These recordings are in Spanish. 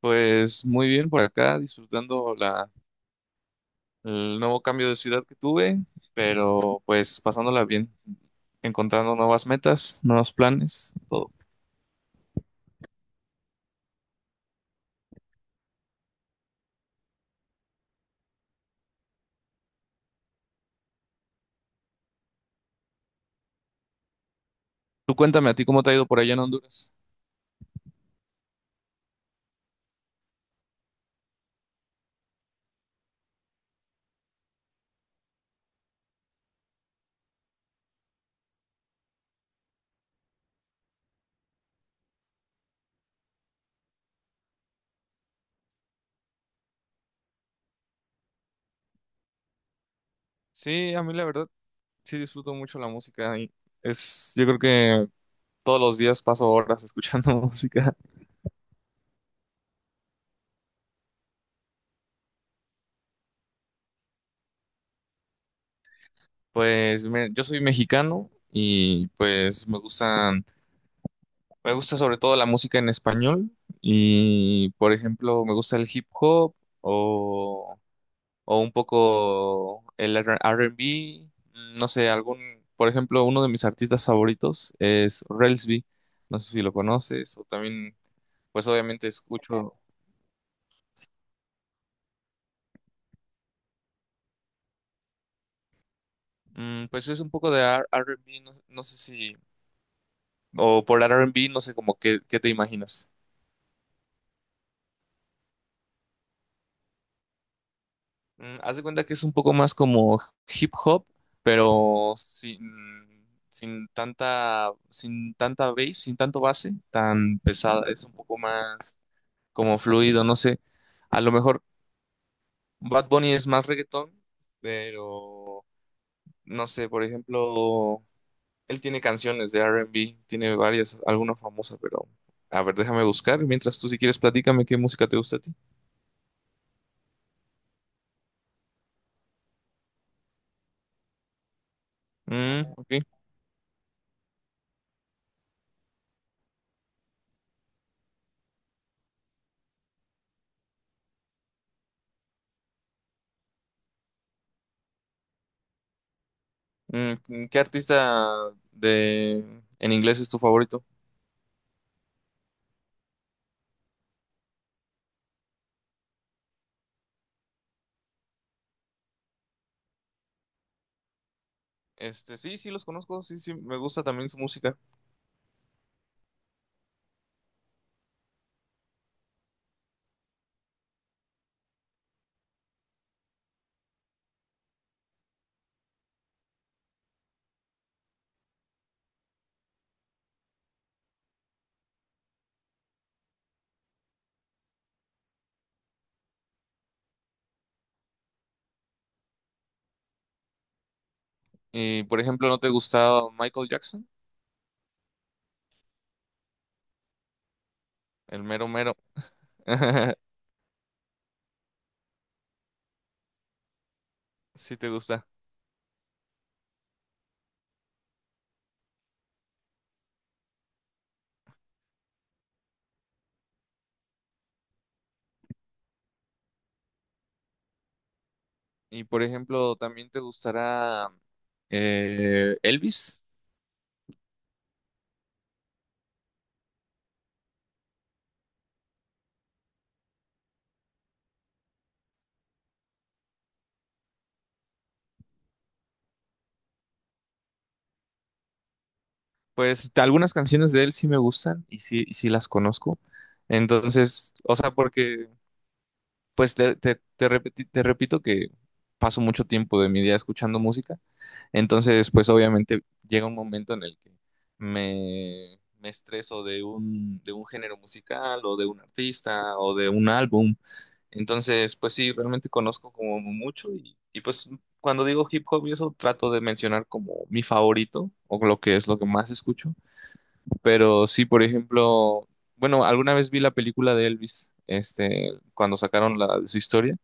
Pues muy bien por acá, disfrutando el nuevo cambio de ciudad que tuve, pero pues pasándola bien, encontrando nuevas metas, nuevos planes, todo. Tú cuéntame, ¿a ti cómo te ha ido por allá en Honduras? Sí, a mí la verdad sí disfruto mucho la música y yo creo que todos los días paso horas escuchando música. Pues yo soy mexicano y pues me gusta sobre todo la música en español y por ejemplo me gusta el hip hop o o un poco el R&B, no sé, algún, por ejemplo, uno de mis artistas favoritos es Relsby, no sé si lo conoces, o también, pues obviamente escucho, pues es un poco de R&B, no, no sé si, o por R&B, no sé como qué te imaginas. Haz de cuenta que es un poco más como hip hop, pero sin tanta, sin tanta bass, sin tanto base, tan pesada, es un poco más como fluido, no sé. A lo mejor Bad Bunny es más reggaetón, pero no sé, por ejemplo, él tiene canciones de R&B, tiene varias, alguna famosa, pero a ver, déjame buscar. Mientras tú si quieres platícame qué música te gusta a ti. Mm, ok. ¿Qué artista de en inglés es tu favorito? Este, sí, sí los conozco, sí, sí, me gusta también su música. Y por ejemplo, ¿no te gustaba Michael Jackson? El mero mero. Sí te gusta. Y por ejemplo, ¿también te gustará Elvis? Pues algunas canciones de él sí me gustan y sí las conozco. Entonces, o sea, pues te repito que paso mucho tiempo de mi día escuchando música. Entonces, pues obviamente llega un momento en el que me estreso de un género musical o de un artista o de un álbum. Entonces, pues sí, realmente conozco como mucho y pues cuando digo hip hop y eso trato de mencionar como mi favorito o lo que es lo que más escucho. Pero sí, por ejemplo, bueno, alguna vez vi la película de Elvis, este, cuando sacaron la de su historia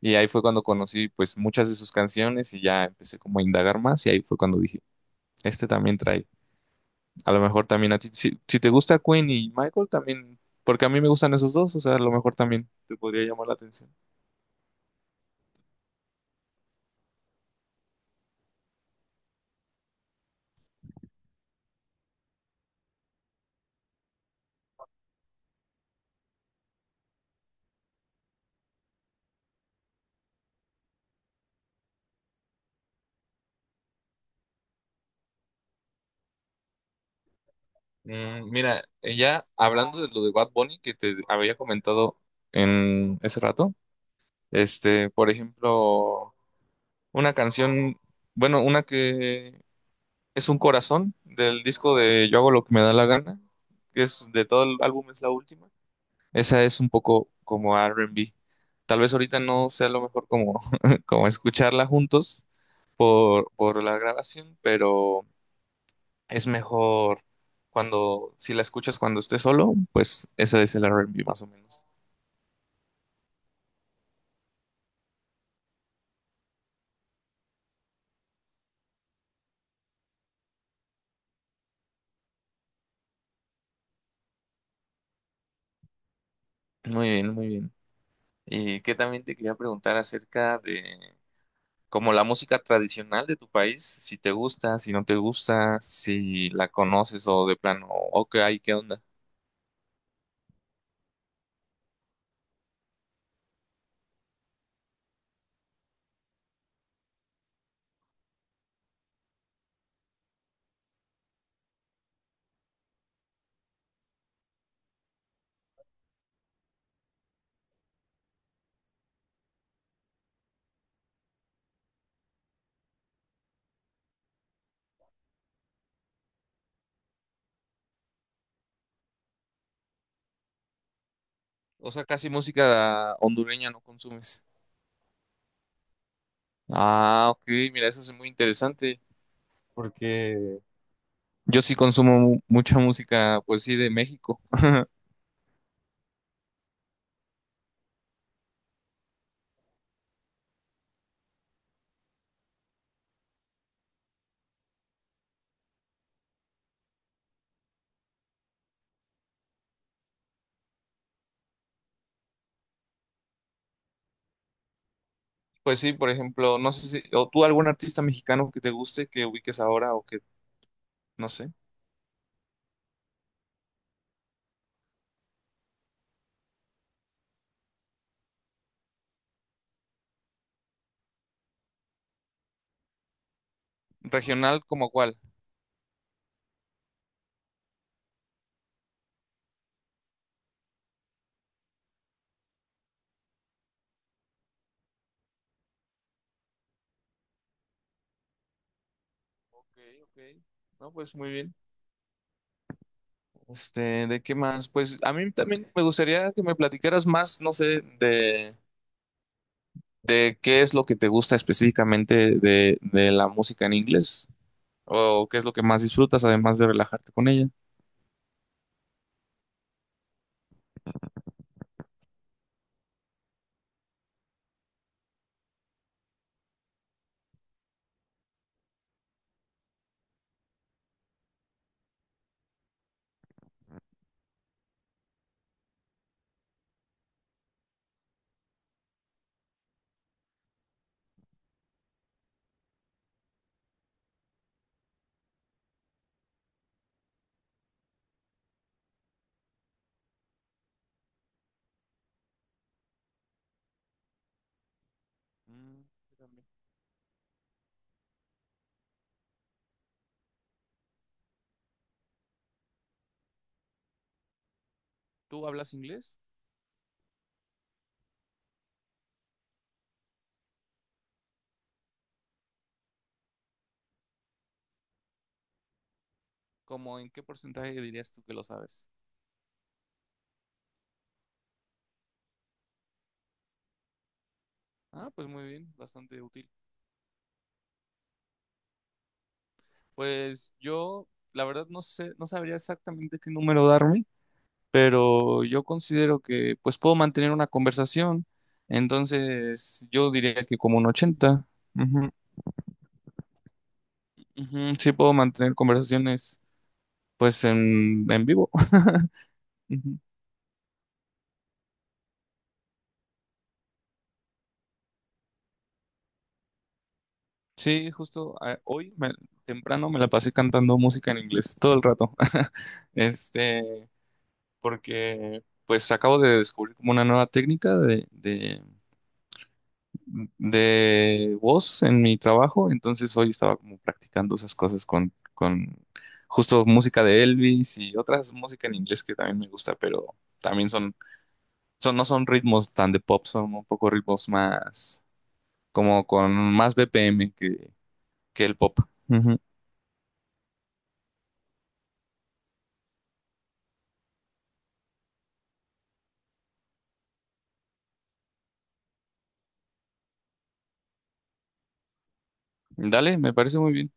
y ahí fue cuando conocí pues muchas de sus canciones y ya empecé como a indagar más y ahí fue cuando dije, este también trae, a lo mejor también a ti, si te gusta Queen y Michael también, porque a mí me gustan esos dos, o sea, a lo mejor también te podría llamar la atención. Mira, ya hablando de lo de Bad Bunny que te había comentado en ese rato, este, por ejemplo, una canción, bueno, una que es un corazón del disco de Yo hago lo que me da la gana, que es de todo el álbum, es la última. Esa es un poco como R&B. Tal vez ahorita no sea lo mejor como, como escucharla juntos por la grabación, pero es mejor cuando, si la escuchas cuando estés solo, pues ese es el R&B más o menos. Muy bien, muy bien. Y que también te quería preguntar acerca de como la música tradicional de tu país, si te gusta, si no te gusta, si la conoces o de plano, ok, ay, ¿qué onda? O sea, casi música hondureña no consumes. Ah, ok, mira, eso es muy interesante porque yo sí consumo mucha música, pues sí, de México. Pues sí, por ejemplo, no sé si, o tú algún artista mexicano que te guste, que ubiques ahora o que, no sé, regional como cuál. Ok, ok. No, pues muy bien. Este, ¿de qué más? Pues a mí también me gustaría que me platicaras más, no sé, de qué es lo que te gusta específicamente de la música en inglés o qué es lo que más disfrutas además de relajarte con ella. Mm, yo también. ¿Tú hablas inglés? ¿Cómo en qué porcentaje dirías tú que lo sabes? Ah, pues muy bien, bastante útil. Pues yo, la verdad, no sé, no sabría exactamente qué número darme, pero yo considero que pues puedo mantener una conversación. Entonces, yo diría que como un 80, ujú, ujú, sí puedo mantener conversaciones pues en vivo. Ujú. Sí, justo temprano me la pasé cantando música en inglés todo el rato. Este, porque pues acabo de descubrir como una nueva técnica de voz en mi trabajo, entonces hoy estaba como practicando esas cosas con justo música de Elvis y otras música en inglés que también me gusta, pero también no son ritmos tan de pop, son un poco ritmos más, como con más BPM que el pop. Ujú. Dale, me parece muy bien.